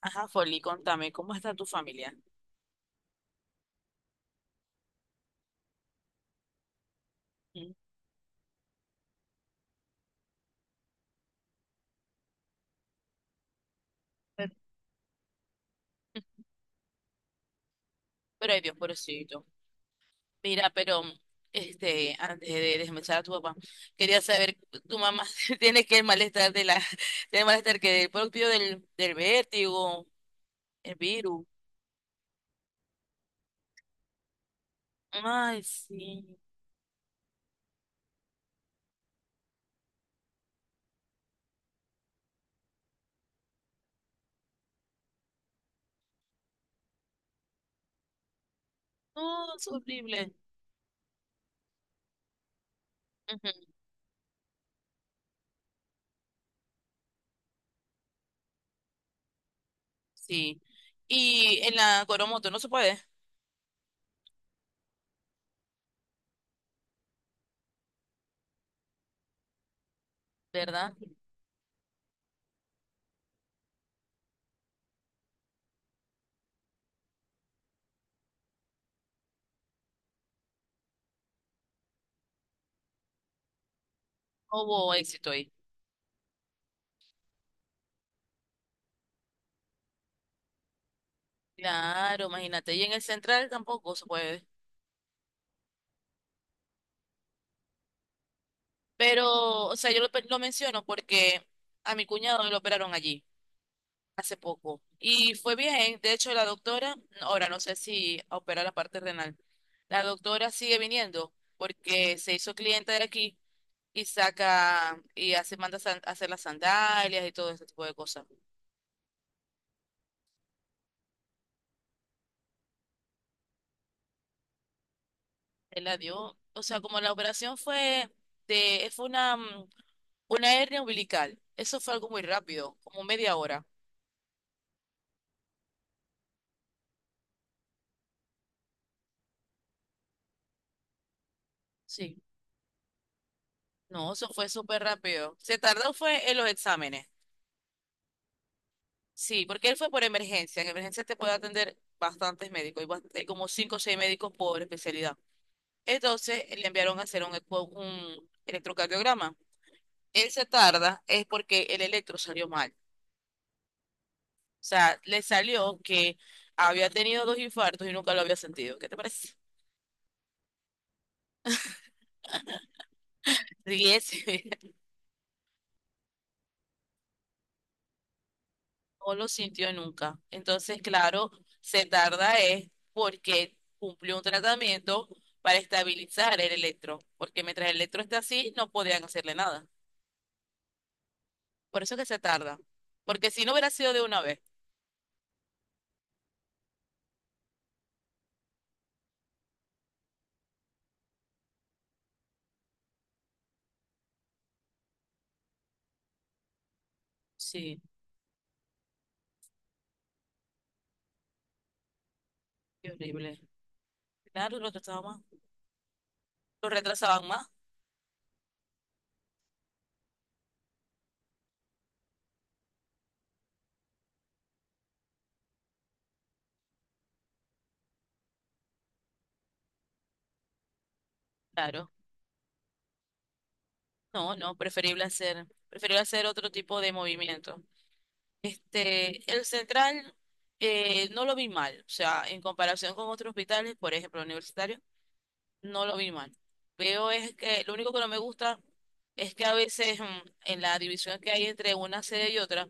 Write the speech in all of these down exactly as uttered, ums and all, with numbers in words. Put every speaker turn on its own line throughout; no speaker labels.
Ajá, Folly, contame, ¿cómo está tu familia? Mm. Pues, pero ay Dios, pobrecito. Mira, pero este, antes de desmechar a tu papá, quería saber, tu mamá tiene que el malestar de la, tiene el malestar que el propio del, del vértigo, el virus. Ay, sí. No, es horrible. Ujú, sí. Y en la Coromoto no se puede, ¿verdad? No hubo éxito ahí. Claro, imagínate. Y en el Central tampoco se puede. Pero, o sea, yo lo, lo menciono porque a mi cuñado lo operaron allí hace poco y fue bien. De hecho, la doctora, ahora no sé si opera la parte renal, la doctora sigue viniendo porque se hizo cliente de aquí y saca y hace, manda san- hacer las sandalias y todo ese tipo de cosas. Él la dio, o sea, como la operación fue de, fue una, mm, una hernia umbilical. Eso fue algo muy rápido, como media hora. Sí. No, eso fue súper rápido. Se tardó fue en los exámenes. Sí, porque él fue por emergencia. En emergencia te puede atender bastantes médicos, y bast- hay como cinco o seis médicos por especialidad. Entonces le enviaron a hacer un, eco- un electrocardiograma. Él se tarda es porque el electro salió mal. O sea, le salió que había tenido dos infartos y nunca lo había sentido. ¿Qué te parece? Ríes. No lo sintió nunca. Entonces, claro, se tarda es porque cumplió un tratamiento para estabilizar el electro, porque mientras el electro está así, no podían hacerle nada. Por eso que se tarda, porque si no hubiera sido de una vez. Sí, qué horrible. Claro, lo retrasaban más. Lo retrasaban más, claro. No, no, preferible hacer, preferible hacer otro tipo de movimiento. Este, el Central eh, no lo vi mal, o sea, en comparación con otros hospitales, por ejemplo, universitarios, no lo vi mal. Veo es que lo único que no me gusta es que a veces mm, en la división que hay entre una sede y otra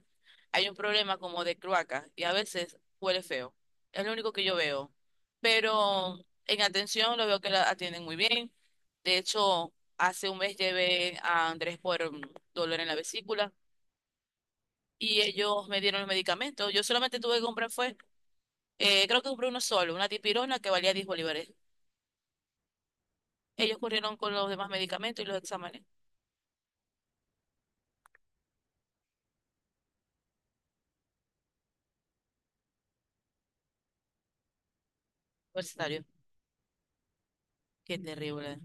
hay un problema como de cloaca y a veces huele feo. Es lo único que yo veo. Pero en atención lo veo que la atienden muy bien. De hecho, hace un mes llevé a Andrés por mm, dolor en la vesícula y ellos me dieron los medicamentos. Yo solamente tuve que comprar fue, eh, creo que compré uno solo, una dipirona que valía diez bolívares. Ellos corrieron con los demás medicamentos y los exámenes. Universitario. Qué terrible.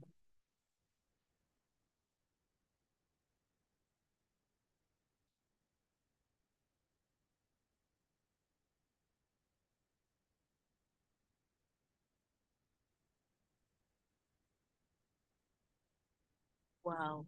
Wow,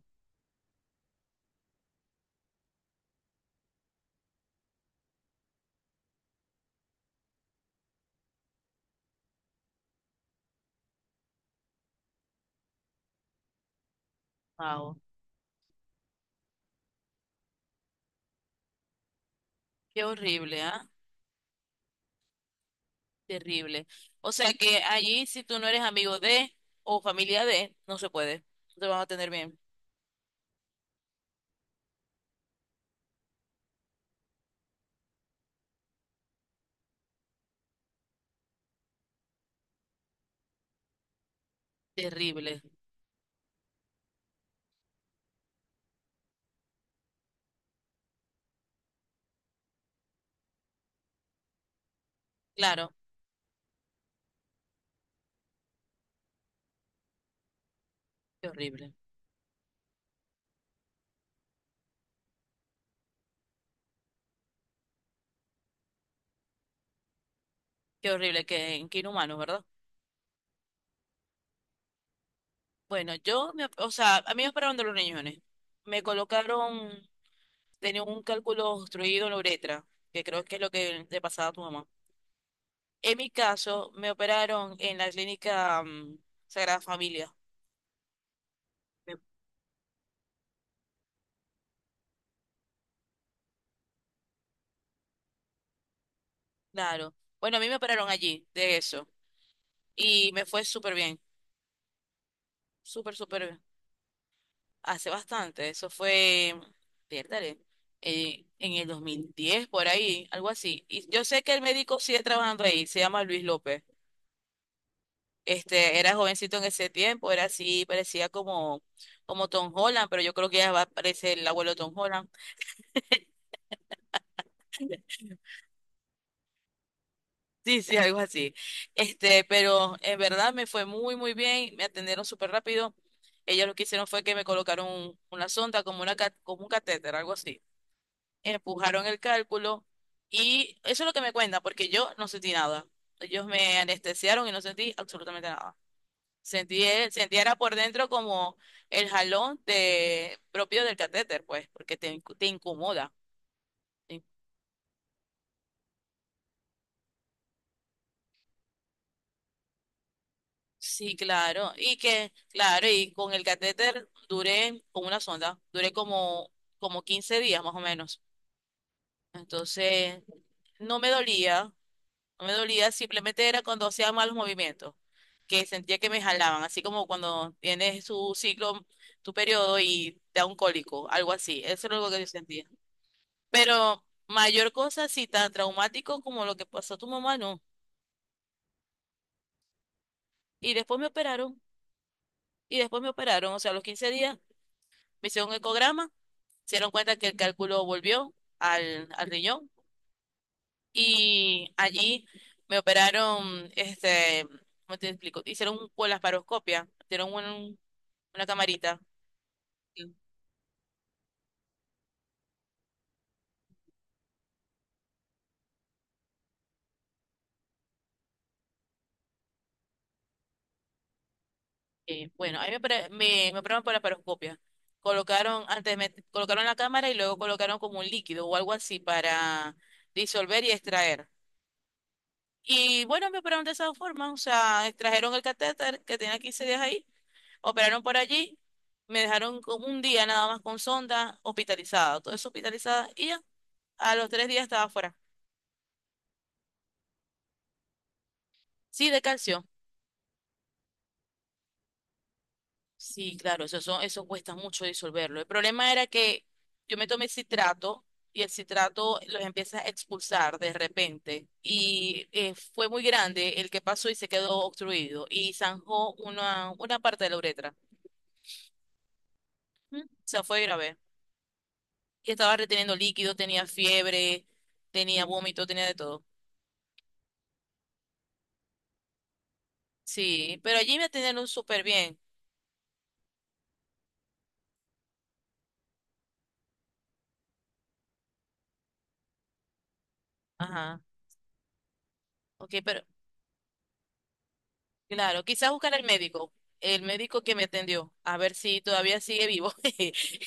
wow. Qué horrible, ¿ah? Terrible. O sea que allí, si tú no eres amigo de o familia de, no se puede. No te van a tener bien. Terrible. Claro, qué horrible. Qué horrible, qué, qué inhumano, ¿verdad? Bueno, yo, me, o sea, a mí me operaron de los riñones. Me colocaron, tenía un cálculo obstruido en la uretra, que creo que es lo que le pasaba a tu mamá. En mi caso, me operaron en la clínica mm, Sagrada Familia. Claro. Bueno, a mí me operaron allí de eso y me fue súper bien, súper, súper bien. Hace bastante, eso fue, piérdale, eh, en el dos mil diez por ahí, algo así. Y yo sé que el médico sigue trabajando ahí, se llama Luis López. Este, era jovencito en ese tiempo, era así, parecía como, como Tom Holland, pero yo creo que ya va a parecer el abuelo de Tom Holland. Sí, sí, algo así. Este, pero en verdad me fue muy, muy bien, me atendieron súper rápido. Ellos lo que hicieron fue que me colocaron un- una sonda como una ca- como un catéter, algo así. Empujaron el cálculo y eso es lo que me cuenta, porque yo no sentí nada. Ellos me anestesiaron y no sentí absolutamente nada. Sentí, el- sentí era por dentro como el jalón de, propio del catéter, pues, porque te, incu- te incomoda. Sí, claro. Y que, claro, y con el catéter duré, con una sonda, duré como, como quince días más o menos. Entonces, no me dolía, no me dolía, simplemente era cuando hacía malos movimientos, que sentía que me jalaban, así como cuando tienes tu ciclo, tu periodo y te da un cólico, algo así. Eso es lo que yo sentía. Pero mayor cosa, sí, tan traumático como lo que pasó a tu mamá, no. Y después me operaron, y después me operaron, o sea, a los quince días me hicieron un ecograma. Se dieron cuenta que el cálculo volvió al, al riñón y allí me operaron, este, ¿cómo te explico? Hicieron un- con la paroscopia, hicieron un- una camarita. Sí. Eh, bueno, ahí me, opera- me, me operaron por la paroscopia. Colocaron, antes me colocaron la cámara y luego colocaron como un líquido o algo así para disolver y extraer. Y bueno, me operaron de esa forma, o sea, extrajeron el catéter que tenía quince días ahí, operaron por allí, me dejaron con un día nada más con sonda, hospitalizada, todo eso hospitalizada, y ya, a los tres días estaba fuera. Sí, de calcio. Sí, claro, eso, son- eso cuesta mucho disolverlo. El problema era que yo me tomé citrato y el citrato los empieza a expulsar de repente. Y eh, fue muy grande el que pasó y se quedó obstruido y zanjó una, una parte de la uretra. Ujú. O sea, fue grave. Y estaba reteniendo líquido, tenía fiebre, tenía vómito, tenía de todo. Sí, pero allí me atendieron súper bien. Ajá. Ok, pero claro, quizás buscar al médico, el médico que me atendió, a ver si todavía sigue vivo.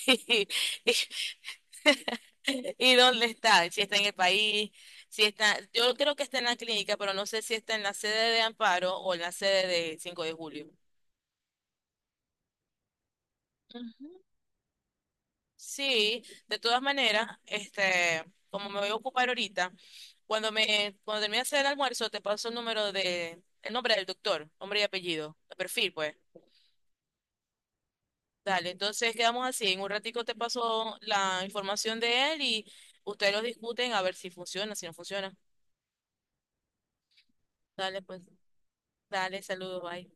¿Y dónde está? Si está en el país, si está, yo creo que está en la clínica, pero no sé si está en la sede de Amparo o en la sede de cinco de julio. Ujú. Sí, de todas maneras, este, como me voy a ocupar ahorita, cuando me, cuando termine de hacer el almuerzo, te paso el número de, el nombre del doctor, nombre y apellido, el perfil, pues. Dale, entonces quedamos así. En un ratico te paso la información de él y ustedes lo discuten a ver si funciona, si no funciona. Dale, pues, dale, saludos, bye.